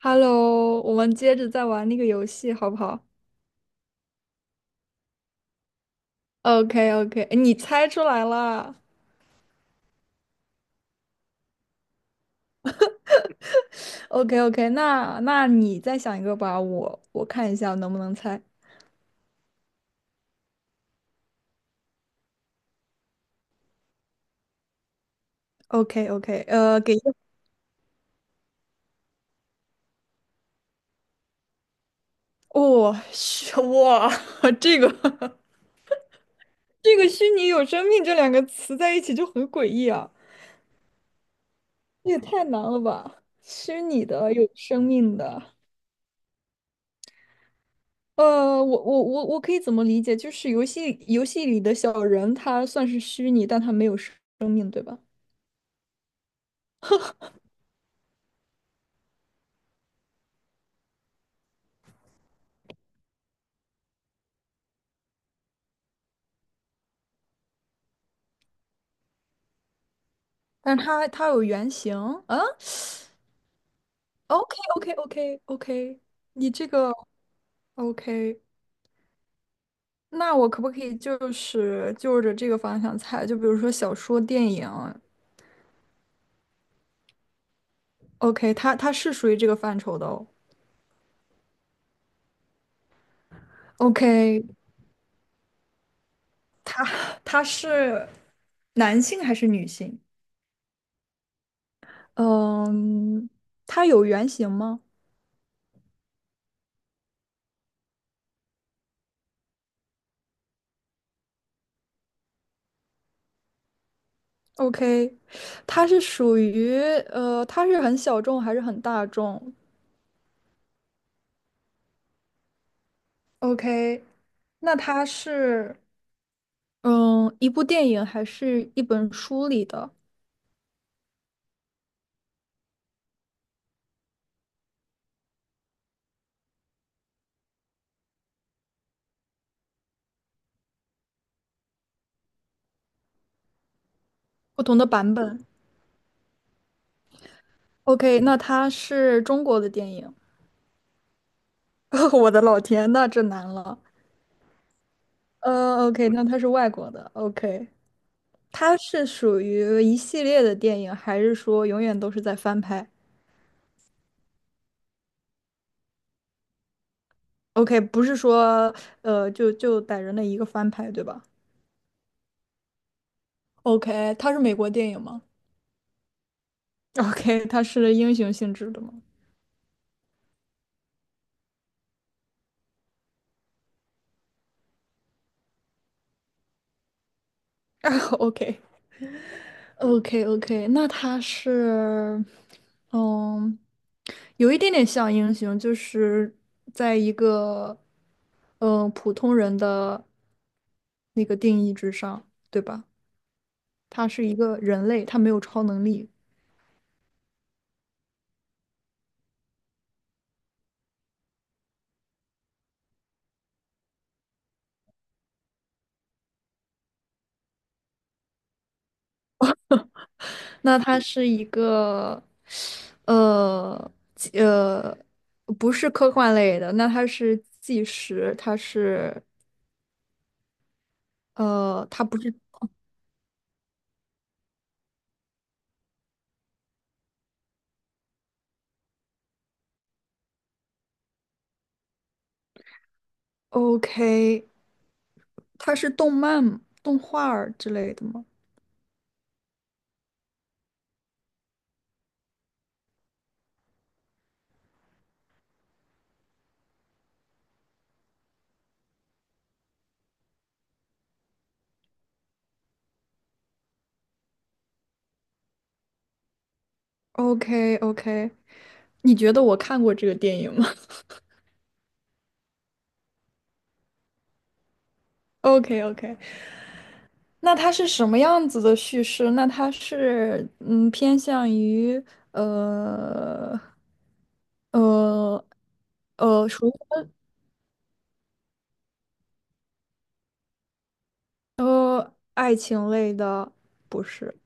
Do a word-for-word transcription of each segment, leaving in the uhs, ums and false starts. Hello，我们接着再玩那个游戏，好不好？OK OK，你猜出来了。OK OK，那那你再想一个吧，我我看一下能不能猜。OK OK，呃，给一个哦，虚哇，这个 这个虚拟有生命这两个词在一起就很诡异啊，这也太难了吧？虚拟的有生命的，呃，我我我我可以怎么理解？就是游戏游戏里的小人，他算是虚拟，但他没有生生命，对吧？但他他有原型，嗯，OK OK OK OK，你这个 OK，那我可不可以就是就着这个方向猜？就比如说小说、电影，OK，他他是属于这个范畴的哦。OK,他他是男性还是女性？嗯，他有原型吗？OK，他是属于呃，他是很小众还是很大众？OK，那他是。嗯，一部电影还是一本书里的不同的版本。OK，那它是中国的电影。我的老天，那这难了。呃，OK，那它是外国的。OK，它是属于一系列的电影，还是说永远都是在翻拍？OK，不是说呃就就逮着那一个翻拍，对吧？OK，它是美国电影吗？ ？OK，它是英雄性质的吗？ ？OK。OK OK，那他是，嗯，有一点点像英雄，就是在一个嗯普通人的那个定义之上，对吧？他是一个人类，他没有超能力。那他是一个呃纪呃不是科幻类的，那他是纪实，他是呃他不是 OK，他是动漫动画儿之类的吗？OK OK，你觉得我看过这个电影吗？OK OK，那它是什么样子的叙事？那它是嗯偏向于呃呃呃属于爱情类的，不是？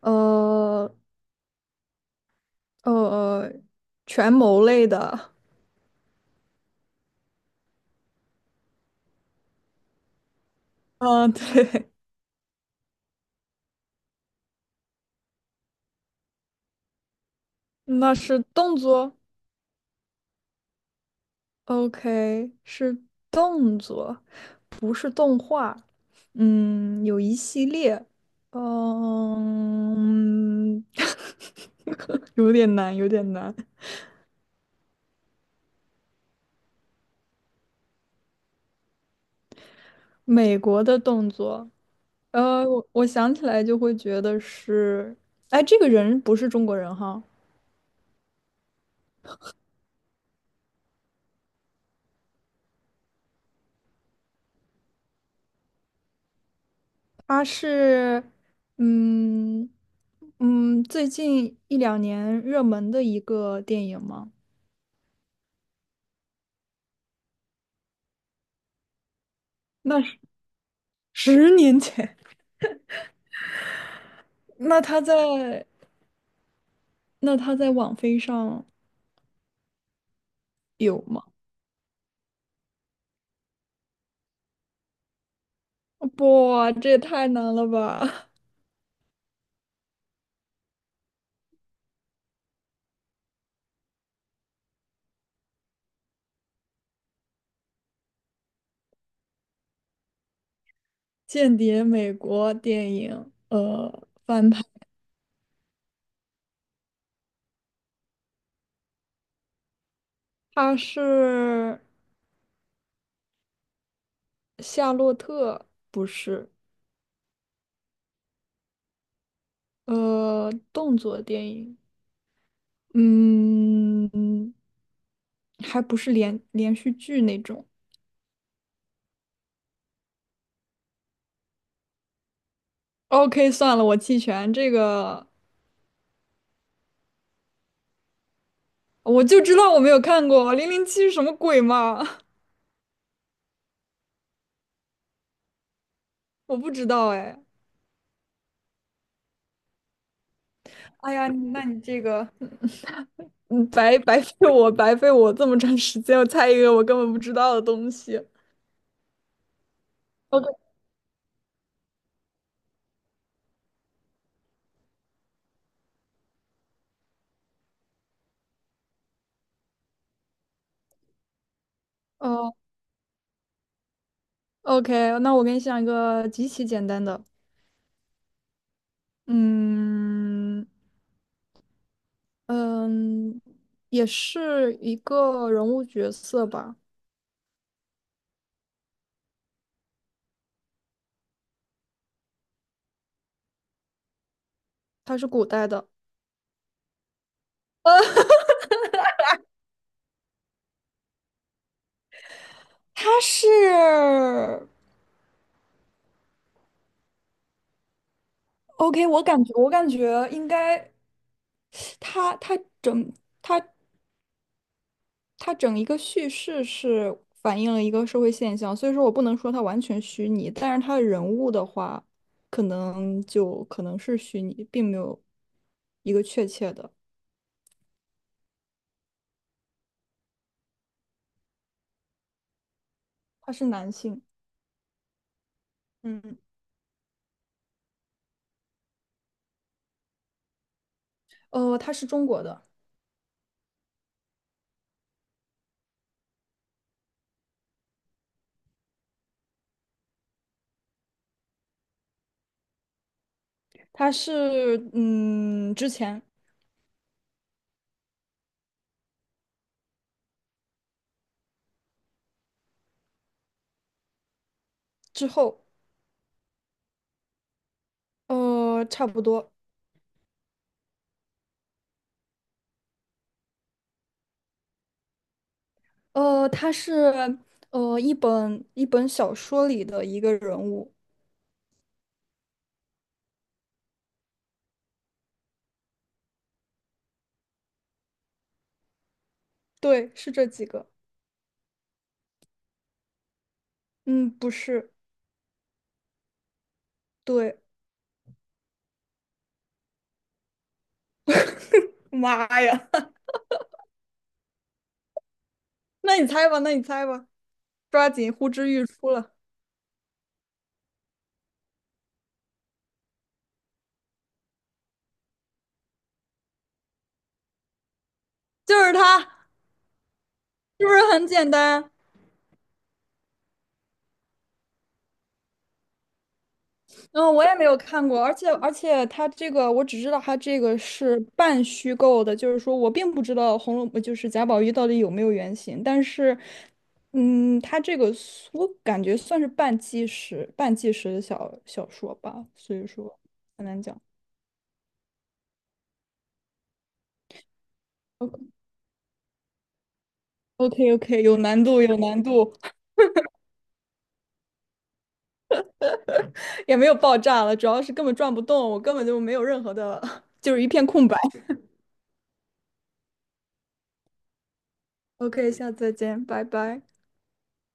呃呃权谋类的，嗯、对，那是动作。OK，是动作。不是动画，嗯，有一系列，嗯，有点难，有点难。美国的动作，呃，我我想起来就会觉得是，哎，这个人不是中国人哈，他是，嗯嗯，最近一两年热门的一个电影吗？那是十年前，那他在那他在网飞上。有吗？哇，这也太难了吧！间谍美国电影，呃，翻拍，它是夏洛特，不是，呃，动作电影，嗯，还不是连连续剧那种。OK，算了，我弃权，这个我就知道我没有看过《零零七》什么鬼嘛，我不知道哎。哎呀，那你这个，嗯，白白费我，白费我这么长时间，我猜一个我根本不知道的东西。OK，哦，OK，那我给你想一个极其简单的，嗯嗯，也是一个人物角色吧，他是古代的，他是 OK，我感觉我感觉应该，他他整他整一个叙事是反映了一个社会现象，所以说我不能说它完全虚拟，但是它的人物的话，可能就可能是虚拟，并没有一个确切的。他是男性，嗯，呃，他是中国的，他是嗯之前之后，呃，差不多，呃，他是呃一本一本小说里的一个人物，对，是这几个，嗯，不是，对，妈呀，那你猜吧，那你猜吧，抓紧呼之欲出了，就是他，是不是很简单？嗯，我也没有看过，而且而且它这个，我只知道它这个是半虚构的，就是说我并不知道红楼呃就是贾宝玉到底有没有原型，但是，嗯，它这个我感觉算是半纪实、半纪实的小小说吧，所以说 OK OK 有难度有难度，也没有爆炸了，主要是根本转不动，我根本就没有任何的，就是一片空白。OK，下次再见，拜拜。